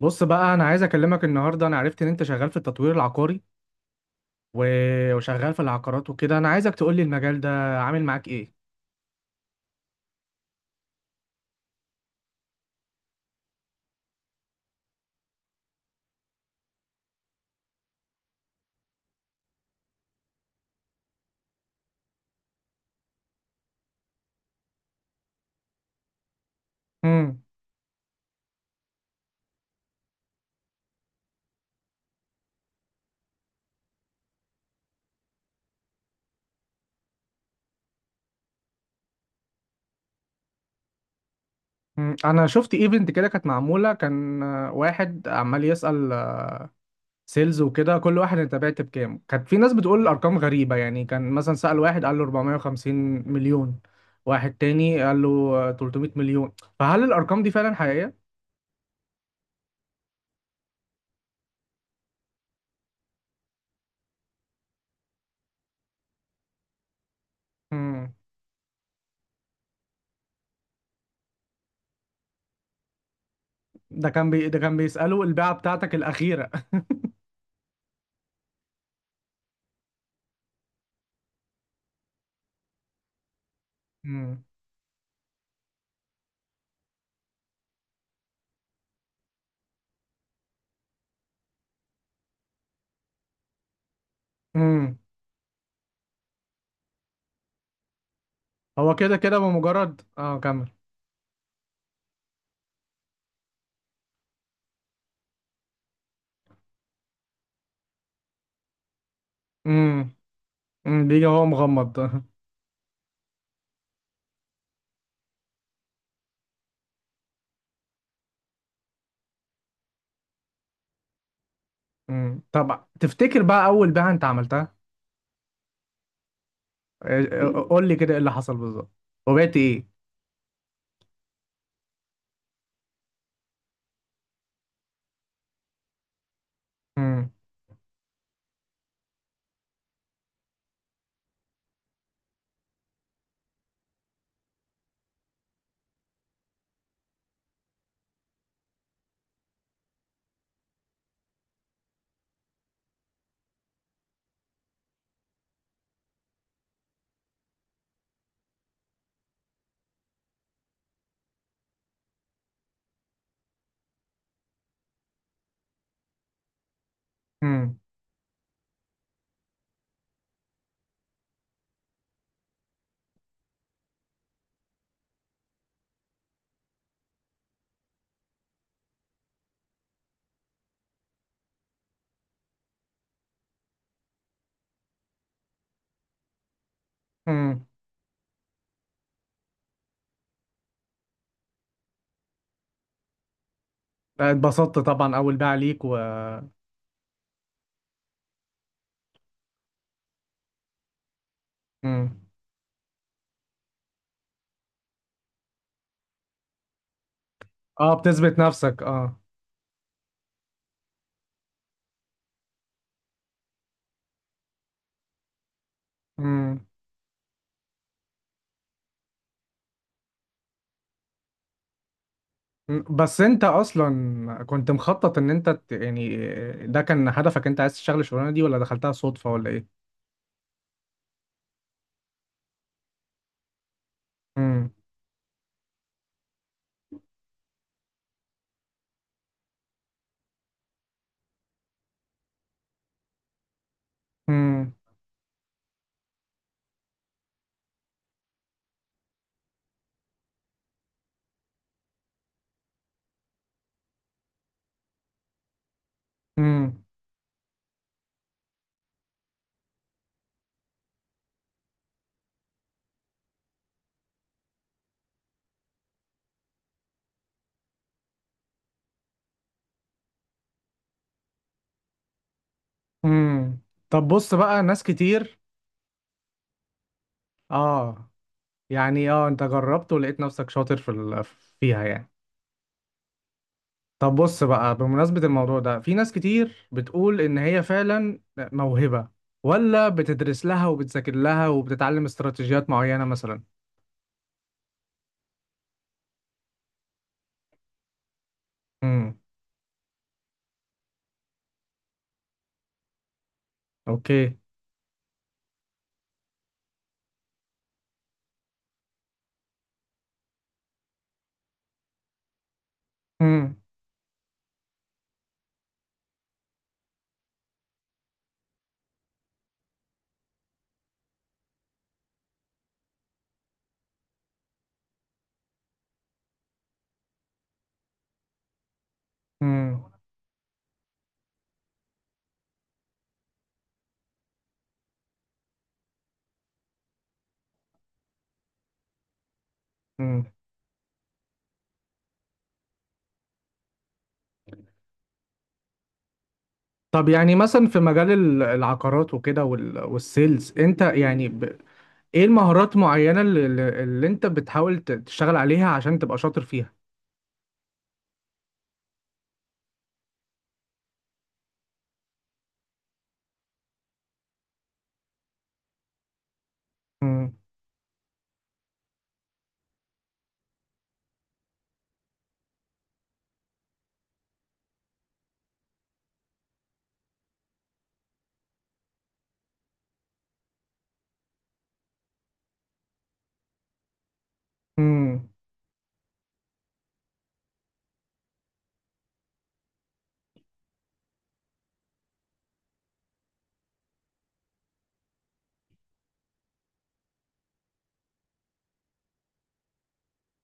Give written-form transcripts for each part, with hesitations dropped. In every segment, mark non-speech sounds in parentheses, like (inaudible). بص بقى انا عايز اكلمك النهارده. انا عرفت ان انت شغال في التطوير العقاري و- وشغال في العقارات وكده. انا عايزك تقول لي المجال ده عامل معاك ايه؟ امم. انا شفت ايفنت كده كانت معموله، كان واحد عمال يسأل سيلز وكده، كل واحد انت بعت بكام. كانت في ناس بتقول ارقام غريبه، يعني كان مثلا سأل واحد قال له 450 مليون، واحد تاني قال له 300 مليون. فهل الارقام دي فعلا حقيقيه؟ امم. ده كان بيسأله البيعه بتاعتك الاخيره؟ (laughs) امم. هو كده كده بمجرد كمل. امم. بيجي وهو مغمض (laughs) امم. طب تفتكر بقى اول بيعه انت عملتها؟ قول لي كده ايه اللي حصل بالظبط، وبعت ايه؟ امم. امم. امم. اتبسطت طبعا، اول بيعه ليك. امم. اه، بتثبت نفسك، اه. امم. أمم. بس انت اصلا كنت مخطط ان انت يعني ده كان هدفك، انت عايز تشتغل الشغلانه دي، ولا دخلتها صدفه، ولا ايه؟ امم. امم. امم. امم. طب بص بقى، ناس كتير. اه، يعني انت جربت ولقيت نفسك شاطر في فيها يعني. طب بص بقى، بمناسبة الموضوع ده، في ناس كتير بتقول ان هي فعلا موهبة، ولا بتدرس لها وبتذاكر لها وبتتعلم استراتيجيات معينة مثلا؟ امم. اوكي. امم. امم. امم. طب يعني مثلا في مجال العقارات وكده والسيلز انت يعني ايه المهارات معينة اللي انت بتحاول تشتغل عليها عشان تبقى شاطر فيها؟ امم امم.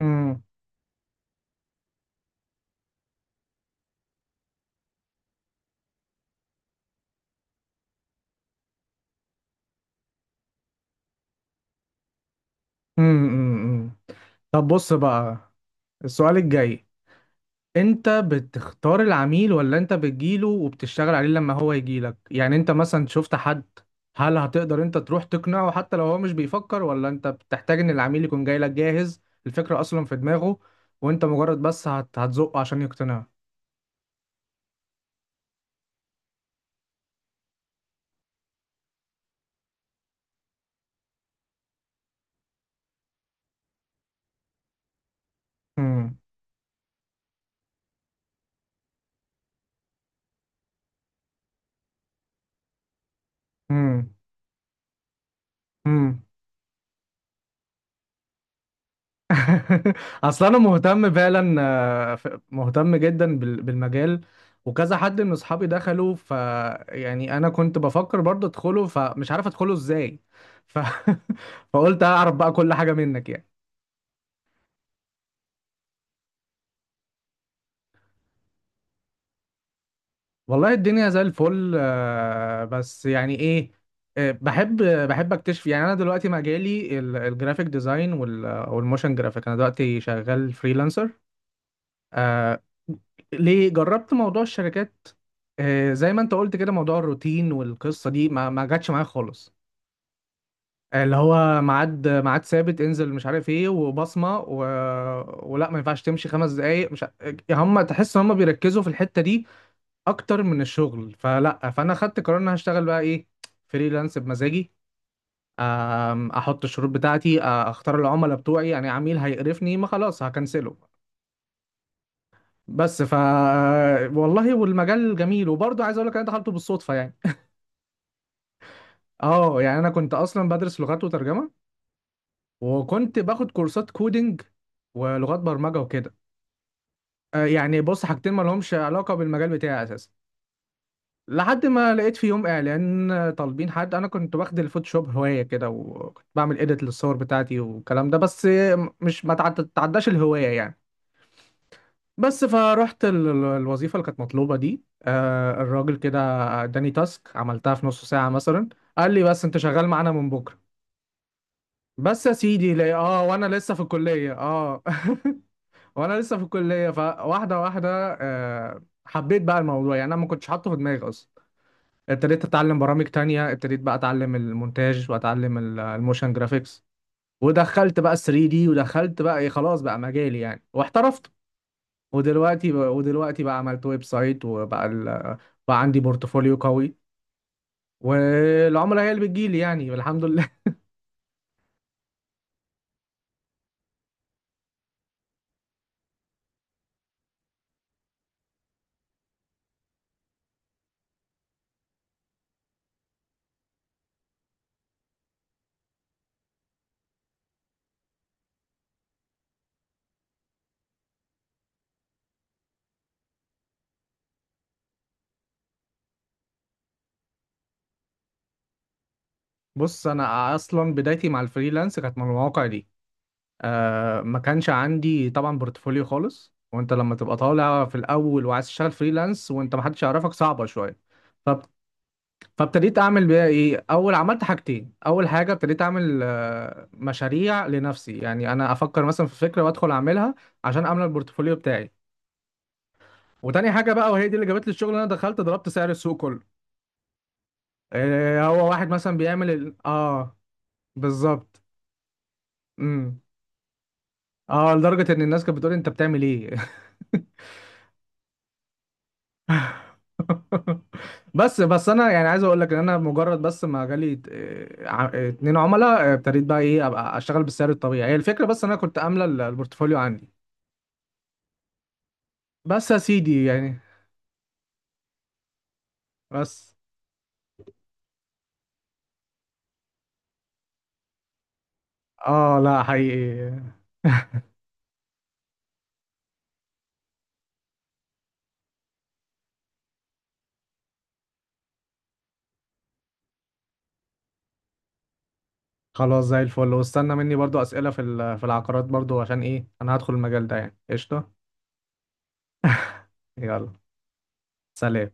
امم. امم. طب بص بقى، السؤال الجاي: انت بتختار العميل، ولا انت بتجيله وبتشتغل عليه لما هو يجيلك؟ يعني انت مثلا شفت حد، هل هتقدر انت تروح تقنعه حتى لو هو مش بيفكر، ولا انت بتحتاج ان العميل يكون جاي لك جاهز، الفكرة اصلا في دماغه، وانت مجرد بس هتزقه عشان يقتنع؟ امم. امم. امم. (laughs) اصل انا مهتم فعلا، مهتم جدا بالمجال، وكذا حد من اصحابي دخلوا ف، يعني انا كنت بفكر برضه ادخله، فمش عارف ادخله ازاي ف... (laughs) فقلت اعرف بقى كل حاجة منك يعني. والله الدنيا زي الفل، بس يعني ايه، بحب اكتشف. يعني انا دلوقتي مجالي الجرافيك ديزاين والموشن جرافيك، انا دلوقتي شغال فريلانسر. آه ليه جربت موضوع الشركات؟ آه، زي ما انت قلت كده، موضوع الروتين والقصه دي ما جاتش معايا خالص. اللي هو ميعاد ميعاد ثابت، انزل مش عارف ايه وبصمه ولا ما ينفعش تمشي خمس دقايق مش ع- هم تحس ان هم بيركزوا في الحته دي اكتر من الشغل، فلا. فانا خدت قرار ان أنا هشتغل بقى ايه: فريلانس بمزاجي. احط الشروط بتاعتي، اختار العملاء بتوعي، يعني عميل هيقرفني ما خلاص هكنسله. بس والله، والمجال جميل، وبرضه عايز اقول لك انا دخلته بالصدفه يعني. اه، يعني انا كنت اصلا بدرس لغات وترجمه، وكنت باخد كورسات كودينج ولغات برمجه وكده. يعني بص، حاجتين ما لهمش علاقه بالمجال بتاعي اساسا. لحد ما لقيت في يوم اعلان طالبين حد، انا كنت واخد الفوتوشوب هوايه كده، وكنت بعمل اديت للصور بتاعتي والكلام ده بس، مش ما تعد- تعداش الهوايه يعني. بس فروحت الوظيفة اللي كانت مطلوبة دي، الراجل كده اداني تاسك عملتها في نص ساعة مثلا، قال لي: بس انت شغال معانا من بكرة. بس يا سيدي، لا، اه، وانا لسه في الكلية، اه. (laughs) وانا لسه في الكلية، فواحدة واحدة حبيت بقى الموضوع. يعني انا ما كنتش حاطه في دماغي اصلا. ابتديت اتعلم برامج تانية، ابتديت بقى اتعلم المونتاج واتعلم الموشن جرافيكس. ودخلت بقى 3D، ودخلت بقى، خلاص بقى مجالي يعني، واحترفت. ودلوقتي بقى عملت ويب سايت، وبقى بقى عندي بورتفوليو قوي، والعملاء هي اللي بتجيلي يعني، الحمد لله. (laughs) بص، انا اصلا بدايتي مع الفريلانس كانت من المواقع دي. ما كانش عندي طبعا بورتفوليو خالص، وانت لما تبقى طالع في الاول وعايز تشتغل فريلانس وانت ما حدش يعرفك، صعبه شويه. فب... فابتديت اعمل بقى ايه: اول عملت حاجتين، اول حاجه ابتديت اعمل مشاريع لنفسي، يعني انا افكر مثلا في فكره وادخل اعملها عشان اعمل البورتفوليو بتاعي. وتاني حاجه بقى، وهي دي اللي جابت لي الشغل: انا دخلت ضربت سعر السوق كله. إيه، هو واحد مثلا بيعمل ال... اه بالظبط. امم. اه، لدرجه ان الناس كانت بتقول انت بتعمل ايه؟ (laughs) بس بس انا يعني عايز اقول لك ان انا مجرد بس، ما جالي اتنين عملاء، ابتديت بقى ايه، ابقى اشتغل بالسعر الطبيعي. هي الفكره بس، إن انا كنت املى البورتفوليو عندي. بس يا سيدي يعني. بس. اه، لا، حقيقي. خلاص زي الفل، واستنى مني برضو اسئله في في العقارات برضو، عشان ايه، انا هدخل المجال ده يعني، قشطه. يلا سلام.